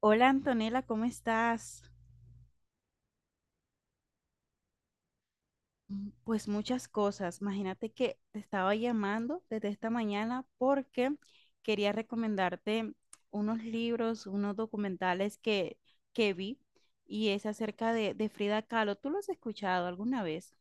Hola Antonella, ¿cómo estás? Pues muchas cosas. Imagínate que te estaba llamando desde esta mañana porque quería recomendarte unos libros, unos documentales que vi y es acerca de Frida Kahlo. ¿Tú los has escuchado alguna vez?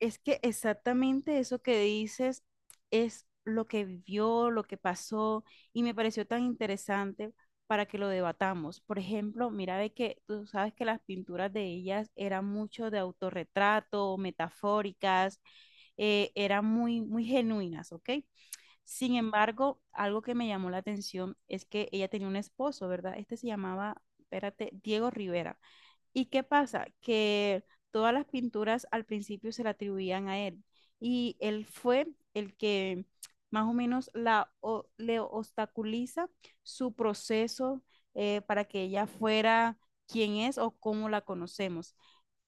Es que exactamente eso que dices es lo que vivió, lo que pasó, y me pareció tan interesante para que lo debatamos. Por ejemplo, mira de que tú sabes que las pinturas de ellas eran mucho de autorretrato, metafóricas, eran muy genuinas, ¿ok? Sin embargo, algo que me llamó la atención es que ella tenía un esposo, ¿verdad? Este se llamaba, espérate, Diego Rivera. ¿Y qué pasa? Que todas las pinturas al principio se le atribuían a él y él fue el que más o menos le obstaculiza su proceso para que ella fuera quien es o cómo la conocemos.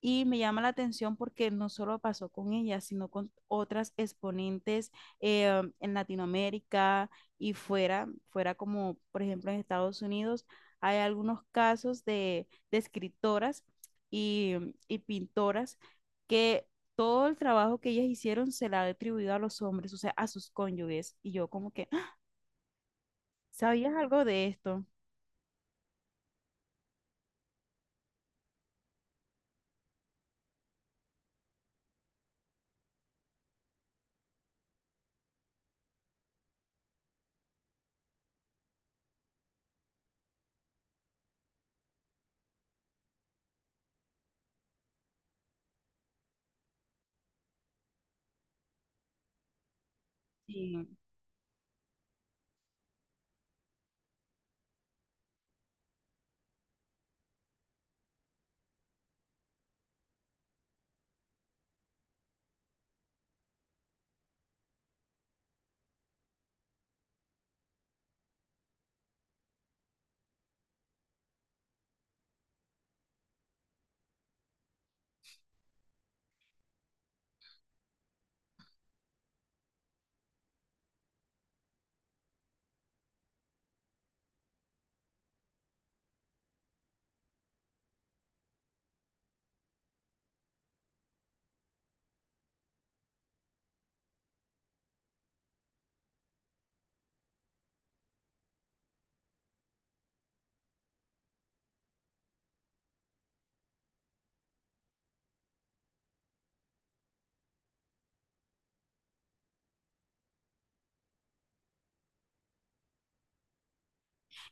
Y me llama la atención porque no solo pasó con ella, sino con otras exponentes en Latinoamérica y fuera como por ejemplo en Estados Unidos, hay algunos casos de escritoras y y pintoras que todo el trabajo que ellas hicieron se la ha atribuido a los hombres, o sea, a sus cónyuges. Y yo como que, "Ah, ¿sabías algo de esto? Sí,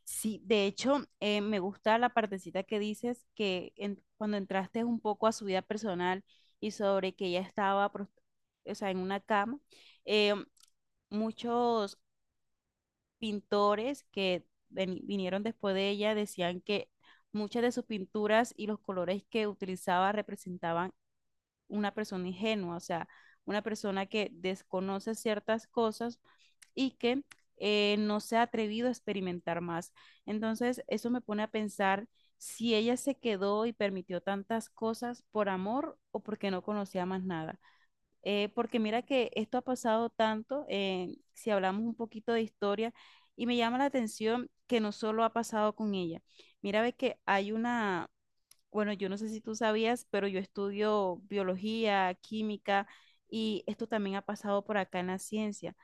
sí, de hecho, me gusta la partecita que dices que cuando entraste un poco a su vida personal y sobre que ella o sea, en una cama, eh, muchos pintores que vinieron después de ella decían que muchas de sus pinturas y los colores que utilizaba representaban una persona ingenua, o sea, una persona que desconoce ciertas cosas y que no se ha atrevido a experimentar más. Entonces, eso me pone a pensar si ella se quedó y permitió tantas cosas por amor o porque no conocía más nada porque mira que esto ha pasado tanto, si hablamos un poquito de historia, y me llama la atención que no solo ha pasado con ella. Mira, ve que hay bueno, yo no sé si tú sabías, pero yo estudio biología, química, y esto también ha pasado por acá en la ciencia.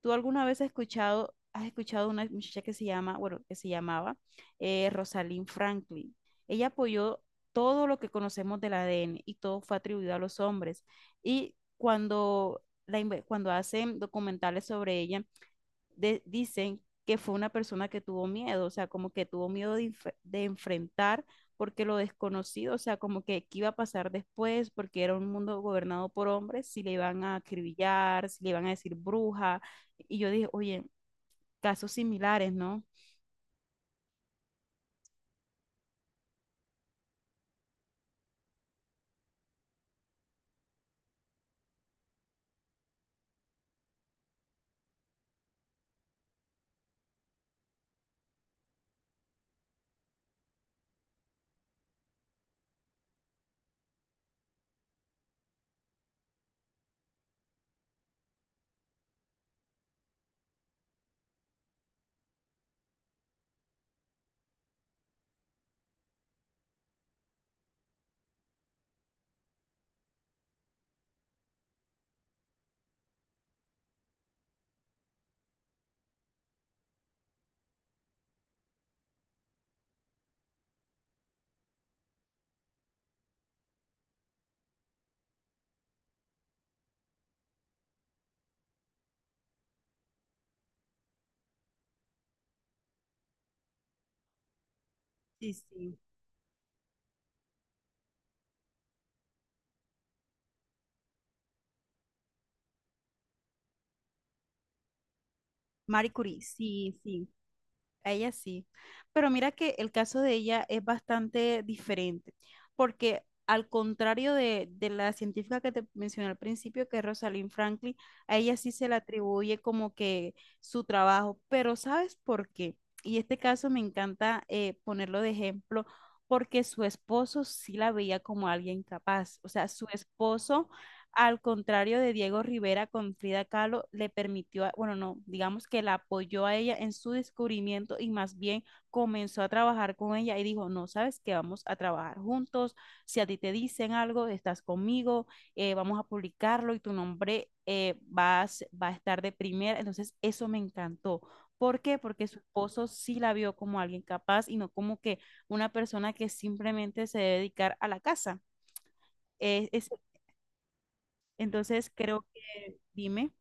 ¿Tú alguna vez has escuchado una muchacha que se llama, bueno, que se llamaba Rosalind Franklin? Ella apoyó todo lo que conocemos del ADN y todo fue atribuido a los hombres. Y cuando hacen documentales sobre ella, dicen que fue una persona que tuvo miedo, o sea, como que tuvo miedo de enfrentar porque lo desconocido, o sea, como que qué iba a pasar después, porque era un mundo gobernado por hombres, si le iban a acribillar, si le iban a decir bruja, y yo dije, oye, casos similares, ¿no? Sí, sí. Marie Curie, sí, sí. A ella sí. Pero mira que el caso de ella es bastante diferente, porque al contrario de la científica que te mencioné al principio, que es Rosalind Franklin, a ella sí se le atribuye como que su trabajo. Pero ¿sabes por qué? Y este caso me encanta ponerlo de ejemplo, porque su esposo sí la veía como alguien capaz. O sea, su esposo al contrario de Diego Rivera con Frida Kahlo, le permitió, bueno, no, digamos que la apoyó a ella en su descubrimiento y más bien comenzó a trabajar con ella y dijo, no, sabes que vamos a trabajar juntos, si a ti te dicen algo, estás conmigo, vamos a publicarlo y tu nombre va a estar de primera. Entonces, eso me encantó. ¿Por qué? Porque su esposo sí la vio como alguien capaz y no como que una persona que simplemente se debe dedicar a la casa. Es entonces creo que, dime,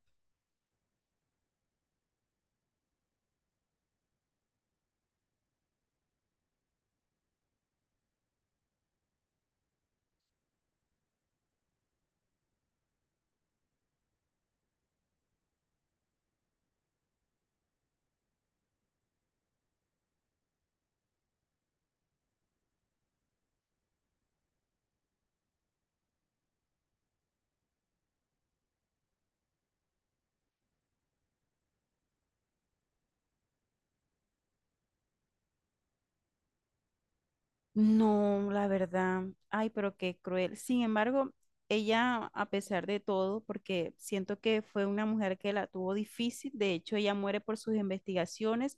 no, la verdad, ay, pero qué cruel. Sin embargo, ella, a pesar de todo, porque siento que fue una mujer que la tuvo difícil, de hecho, ella muere por sus investigaciones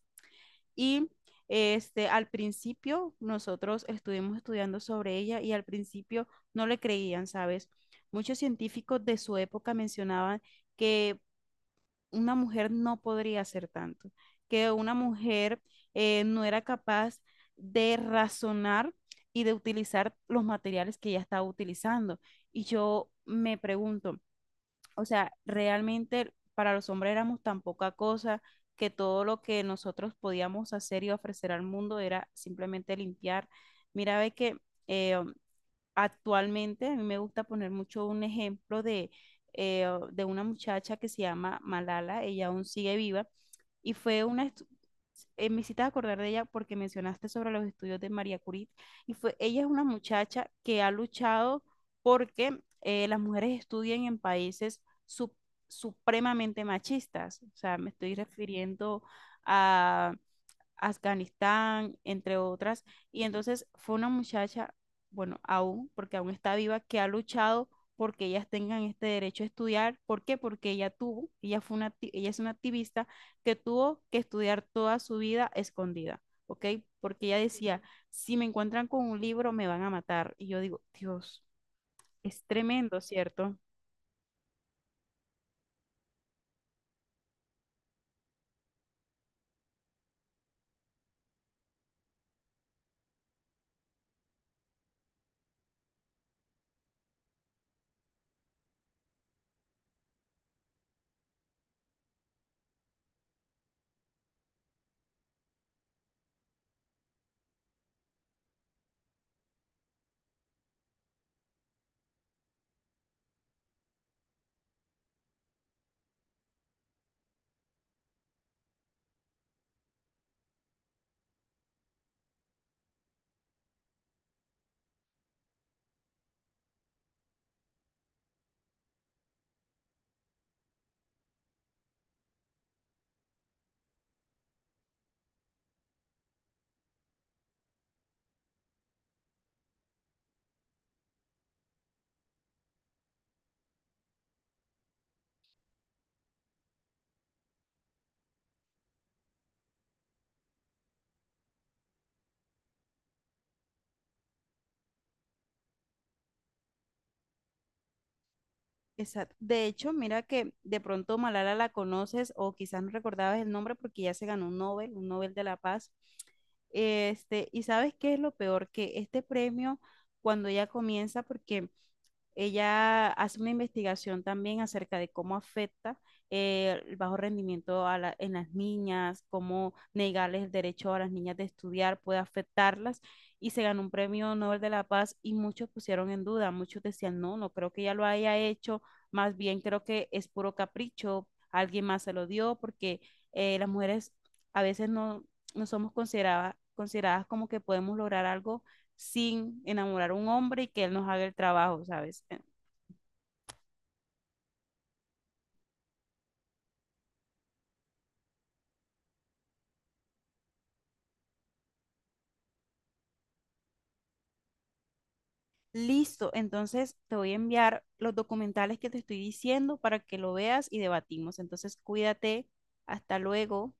y este, al principio nosotros estuvimos estudiando sobre ella y al principio no le creían, ¿sabes? Muchos científicos de su época mencionaban que una mujer no podría hacer tanto, que una mujer no era capaz de razonar y de utilizar los materiales que ella estaba utilizando. Y yo me pregunto, o sea, realmente para los hombres éramos tan poca cosa que todo lo que nosotros podíamos hacer y ofrecer al mundo era simplemente limpiar. Mira, ve que eh, actualmente a mí me gusta poner mucho un ejemplo eh, de una muchacha que se llama Malala, ella aún sigue viva y fue una. Me hiciste acordar de ella porque mencionaste sobre los estudios de María Curie y fue, ella es una muchacha que ha luchado porque las mujeres estudien en países sup- supremamente machistas, o sea, me estoy refiriendo a Afganistán, entre otras. Y entonces fue una muchacha, bueno, aún, porque aún está viva, que ha luchado porque ellas tengan este derecho a estudiar. ¿Por qué? Porque ella tuvo, ella fue una, acti- ella es una activista que tuvo que estudiar toda su vida escondida, ¿ok? Porque ella decía, si me encuentran con un libro, me van a matar. Y yo digo, Dios, es tremendo, ¿cierto? Exacto. De hecho, mira que de pronto Malala la conoces o quizás no recordabas el nombre porque ya se ganó un Nobel de la Paz. Este, y sabes qué es lo peor, que este premio, cuando ella comienza, porque ella hace una investigación también acerca de cómo afecta el bajo rendimiento a en las niñas, cómo negarles el derecho a las niñas de estudiar puede afectarlas y se ganó un premio Nobel de la Paz y muchos pusieron en duda, muchos decían, no, no creo que ella lo haya hecho, más bien creo que es puro capricho, alguien más se lo dio porque las mujeres a veces no, no somos consideradas como que podemos lograr algo sin enamorar a un hombre y que él nos haga el trabajo, ¿sabes? Listo, entonces te voy a enviar los documentales que te estoy diciendo para que lo veas y debatimos. Entonces, cuídate, hasta luego.